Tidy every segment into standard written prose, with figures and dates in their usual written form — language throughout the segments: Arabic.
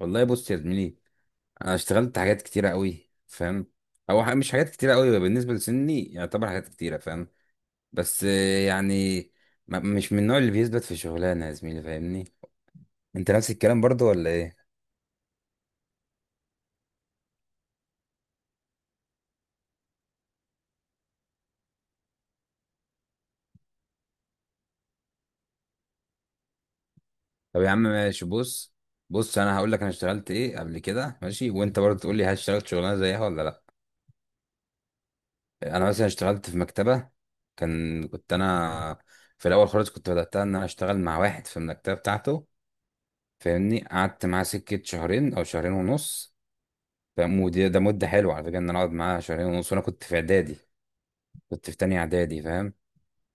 والله بص يا زميلي. انا اشتغلت حاجات كتيره قوي، فاهم؟ او مش حاجات كتيره قوي، بالنسبه لسني يعتبر حاجات كتيره، فاهم؟ بس يعني مش من النوع اللي بيثبت في شغلانه يا زميلي، فاهمني؟ انت نفس الكلام برضو ولا ايه؟ طب يا عم ماشي، بص. بص انا هقول لك انا اشتغلت ايه قبل كده، ماشي؟ وانت برضو تقول لي هل اشتغلت شغلانه زيها ولا لا. انا مثلا اشتغلت في مكتبه. كان كنت انا في الاول خالص كنت بداتها ان انا اشتغل مع واحد في المكتبه بتاعته، فاهمني؟ قعدت معاه سكه شهرين او شهرين ونص. ده مود ده مدة حلوة على فكرة إن أنا أقعد معاها شهرين ونص، وأنا كنت في إعدادي. كنت في تانية إعدادي، فاهم؟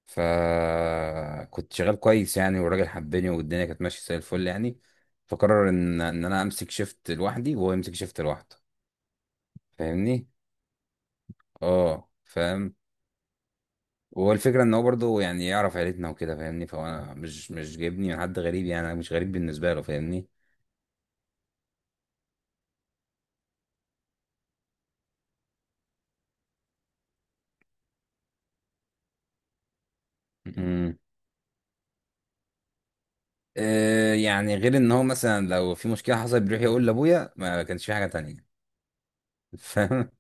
فكنت شغال كويس يعني، والراجل حبني والدنيا كانت ماشية زي الفل يعني. فقرر إن أنا أمسك شيفت لوحدي وهو يمسك شيفت لوحده. فاهمني؟ أه فاهم. هو الفكرة إن هو برضه يعني يعرف عيلتنا وكده، فاهمني؟ فهو أنا مش جايبني من حد غريب يعني، أنا مش غريب بالنسبة له، فاهمني؟ امم. آه يعني، غير إن هو مثلا لو في مشكلة حصلت بيروح يقول لأبويا، ما كانش في حاجة تانية. فاهم.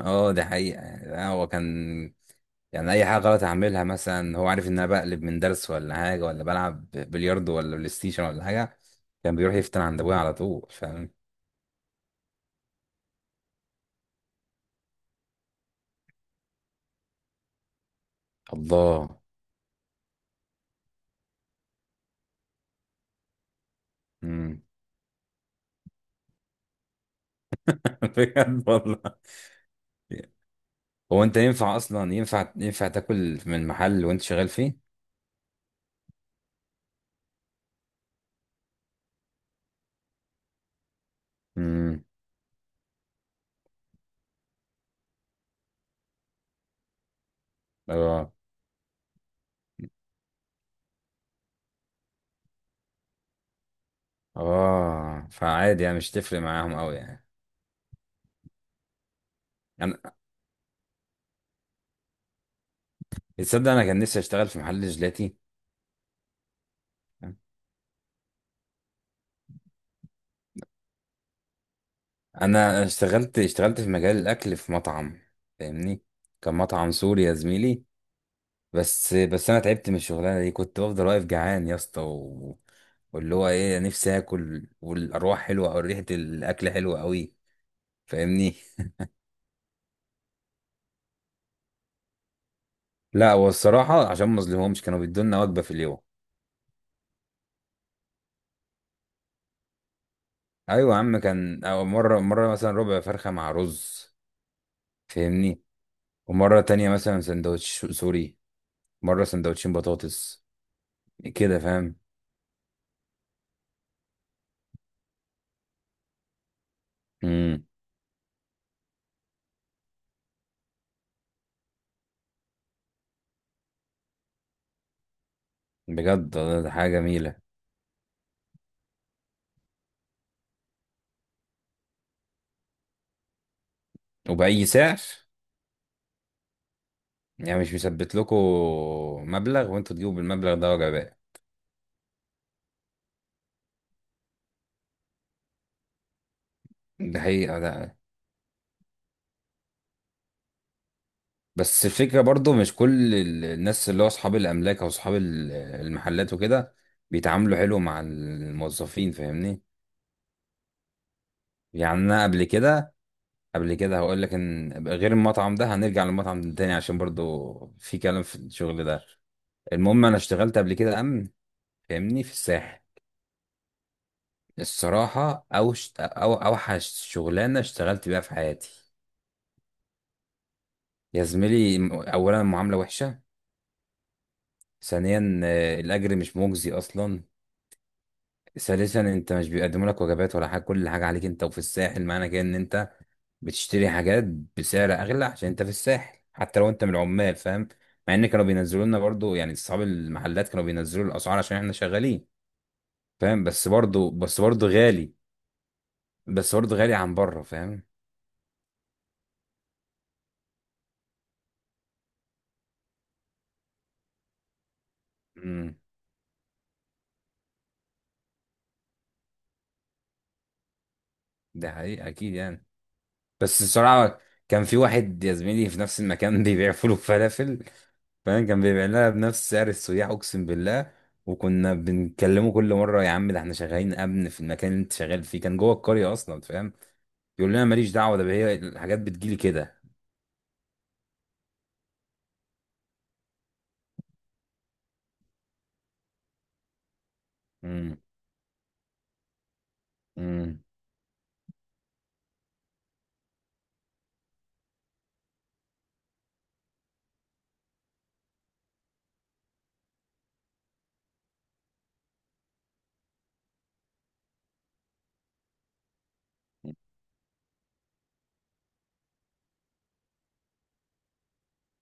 اه دي حقيقة يعني، هو كان يعني أي حاجة غلط أعملها مثلا هو عارف إن أنا بقلب من درس ولا حاجة، ولا بلعب بلياردو ولا بلاي ستيشن ولا حاجة، كان بيروح يفتن عند أبويا على طول، فاهم؟ الله. مم. بجد والله. هو أنت ينفع أصلا، ينفع ينفع تاكل من محل وأنت شغال فيه؟ مم. اه. اه فعادي يعني، مش تفرق معاهم أوي يعني. أنا، تصدق أنا كان نفسي أشتغل في محل جيلاتي. انا اشتغلت في مجال الاكل في مطعم، فاهمني؟ كان مطعم سوري يا زميلي. بس انا تعبت من الشغلانه دي، كنت بفضل واقف جعان يا اسطى، و... واللي هو ايه، نفسي اكل والارواح حلوه او ريحه الاكل حلوه قوي، فاهمني؟ لا هو الصراحه عشان ما اظلمهمش، كانوا بيدونا وجبه في اليوم. ايوه يا عم، كان أو مره مثلا ربع فرخه مع رز، فاهمني؟ ومره تانية مثلا سندوتش سوري، مره سندوتشين بطاطس، كده فاهم؟ بجد ده حاجة جميلة. وبأي سعر؟ يعني مش مثبت لكم مبلغ وانتوا تجيبوا بالمبلغ ده وجباء. ده حقيقة ده. بس الفكرة برضو، مش كل الناس اللي هو أصحاب الأملاك أو أصحاب المحلات وكده بيتعاملوا حلو مع الموظفين، فاهمني؟ يعني أنا قبل كده، قبل كده هقول لك إن غير المطعم ده، هنرجع للمطعم ده تاني عشان برضو في كلام في الشغل ده. المهم، أنا اشتغلت قبل كده أمن، فاهمني؟ في الساحل. الصراحة أوش أو أوحش شغلانة اشتغلت بيها في حياتي. يا زميلي، أولا المعاملة وحشة. ثانيا الأجر مش مجزي أصلا. ثالثا أنت مش بيقدموا لك وجبات ولا حاجة، كل حاجة عليك أنت، وفي الساحل معنى كده إن أنت بتشتري حاجات بسعر أغلى، عشان أنت في الساحل حتى لو أنت من العمال، فاهم؟ مع إن كانوا بينزلوا لنا برضو، يعني أصحاب المحلات كانوا بينزلوا الأسعار عشان إحنا شغالين، فاهم؟ بس برضو، بس برضو غالي. بس برضو غالي عن بره، فاهم؟ امم. ده حقيقة أكيد يعني. بس بصراحة، كان في واحد يا زميلي في نفس المكان بيبيع فول وفلافل، فاهم؟ كان بيبيع لها بنفس سعر السياح، اقسم بالله. وكنا بنكلمه كل مرة، يا عم ده احنا شغالين امن في المكان اللي انت شغال فيه، كان جوه القرية اصلا، فاهم؟ يقول لنا ماليش دعوة، ده هي الحاجات بتجيلي كده. امم. امم.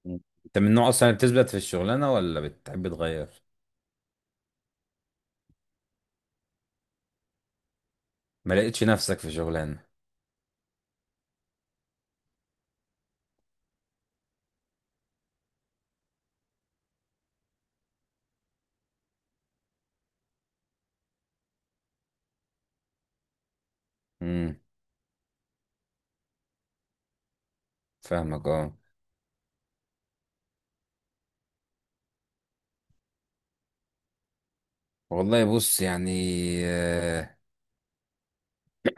أمم. انت من النوع اصلا اللي بتثبت في الشغلانة، ولا بتحب تغير؟ ما لقيتش نفسك في شغلانة؟ امم. فاهمك اه. والله بص يعني، آه،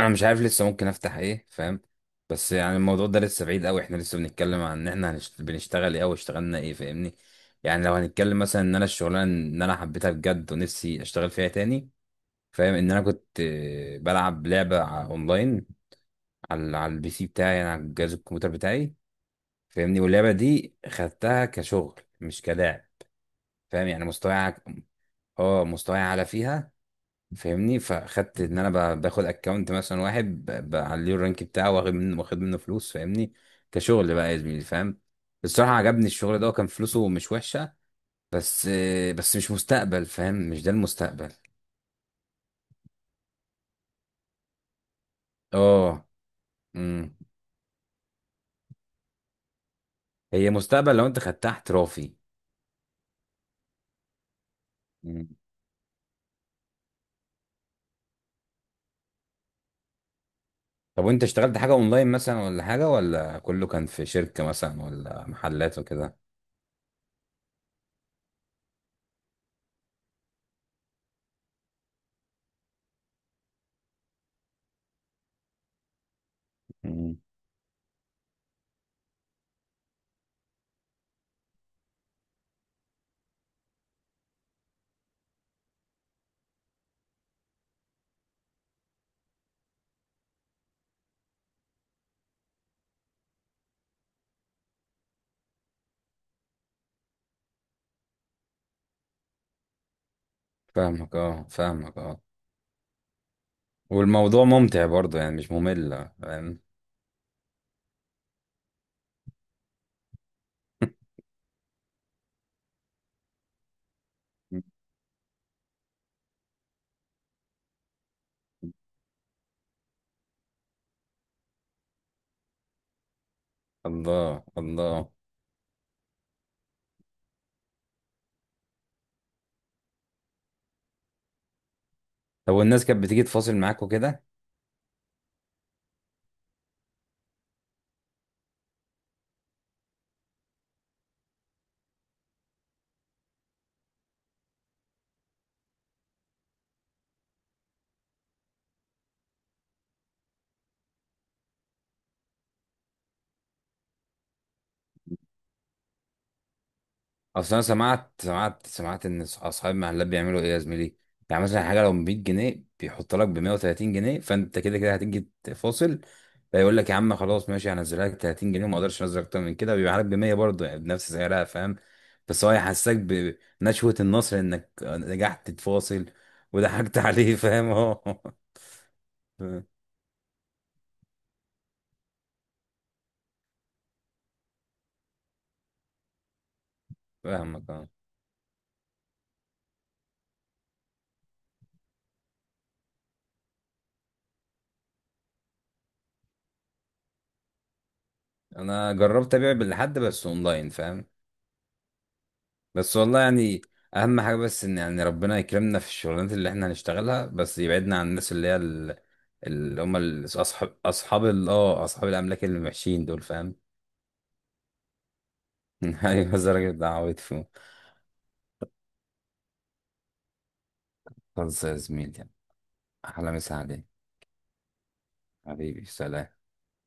انا مش عارف لسه ممكن افتح ايه، فاهم؟ بس يعني الموضوع ده لسه بعيد قوي، احنا لسه بنتكلم عن ان احنا بنشتغل ايه او اشتغلنا ايه، فاهمني؟ يعني لو هنتكلم مثلا ان انا الشغلانه ان انا حبيتها بجد ونفسي اشتغل فيها تاني، فاهم؟ ان انا كنت بلعب لعبه اونلاين، على على البي سي بتاعي، يعني على جهاز الكمبيوتر بتاعي، فاهمني؟ واللعبه دي خدتها كشغل مش كلاعب، فاهم؟ يعني اه مستواي اعلى فيها، فاهمني؟ فاخدت ان انا باخد اكونت مثلا واحد، بعليه الرانك بتاعه، واخد منه واخد منه فلوس، فاهمني؟ كشغل بقى يا زميلي، فاهم؟ الصراحه عجبني الشغل ده، وكان فلوسه مش وحشه. بس بس مش مستقبل، فاهم؟ مش ده المستقبل. اه. امم. هي مستقبل لو انت خدتها احترافي. مم. طب وانت اشتغلت حاجه اونلاين مثلا، ولا حاجه، ولا كله كان في شركه مثلا ولا محلات وكده؟ مم. فاهمك اه. فاهمك اه. والموضوع ممتع برضه يعني، مش ممل، فاهم؟ الله الله. طب والناس كانت بتيجي تفاصل معاك وكده؟ اصل انا سمعت سمعت ان اصحاب المحلات بيعملوا ايه يا زميلي. يعني مثلا حاجه لو 100 جنيه، بيحط لك ب 130 جنيه، فانت كده كده هتيجي تفاصل. فيقول لك يا عم خلاص ماشي، هنزلها لك 30 جنيه وما اقدرش انزل اكتر من كده، ويبيعها لك ب 100 برضه يعني بنفس سعرها، فاهم؟ بس هو يحسسك بنشوه النصر انك نجحت تفاصل. وضحكت عليه، فاهم اهو. فاهمك اه. انا جربت ابيع بالحد بس اونلاين، فاهم؟ بس والله يعني، اهم حاجه بس ان يعني ربنا يكرمنا في الشغلانات اللي احنا هنشتغلها، بس يبعدنا عن الناس اللي هي اللي هم اصحاب اصحاب ال اه اصحاب الاملاك اللي وحشين دول، فاهم؟ ايوه الراجل ده عويط فيه. خلص يا زميلي، احلى مسا عليك. حبيبي سلام.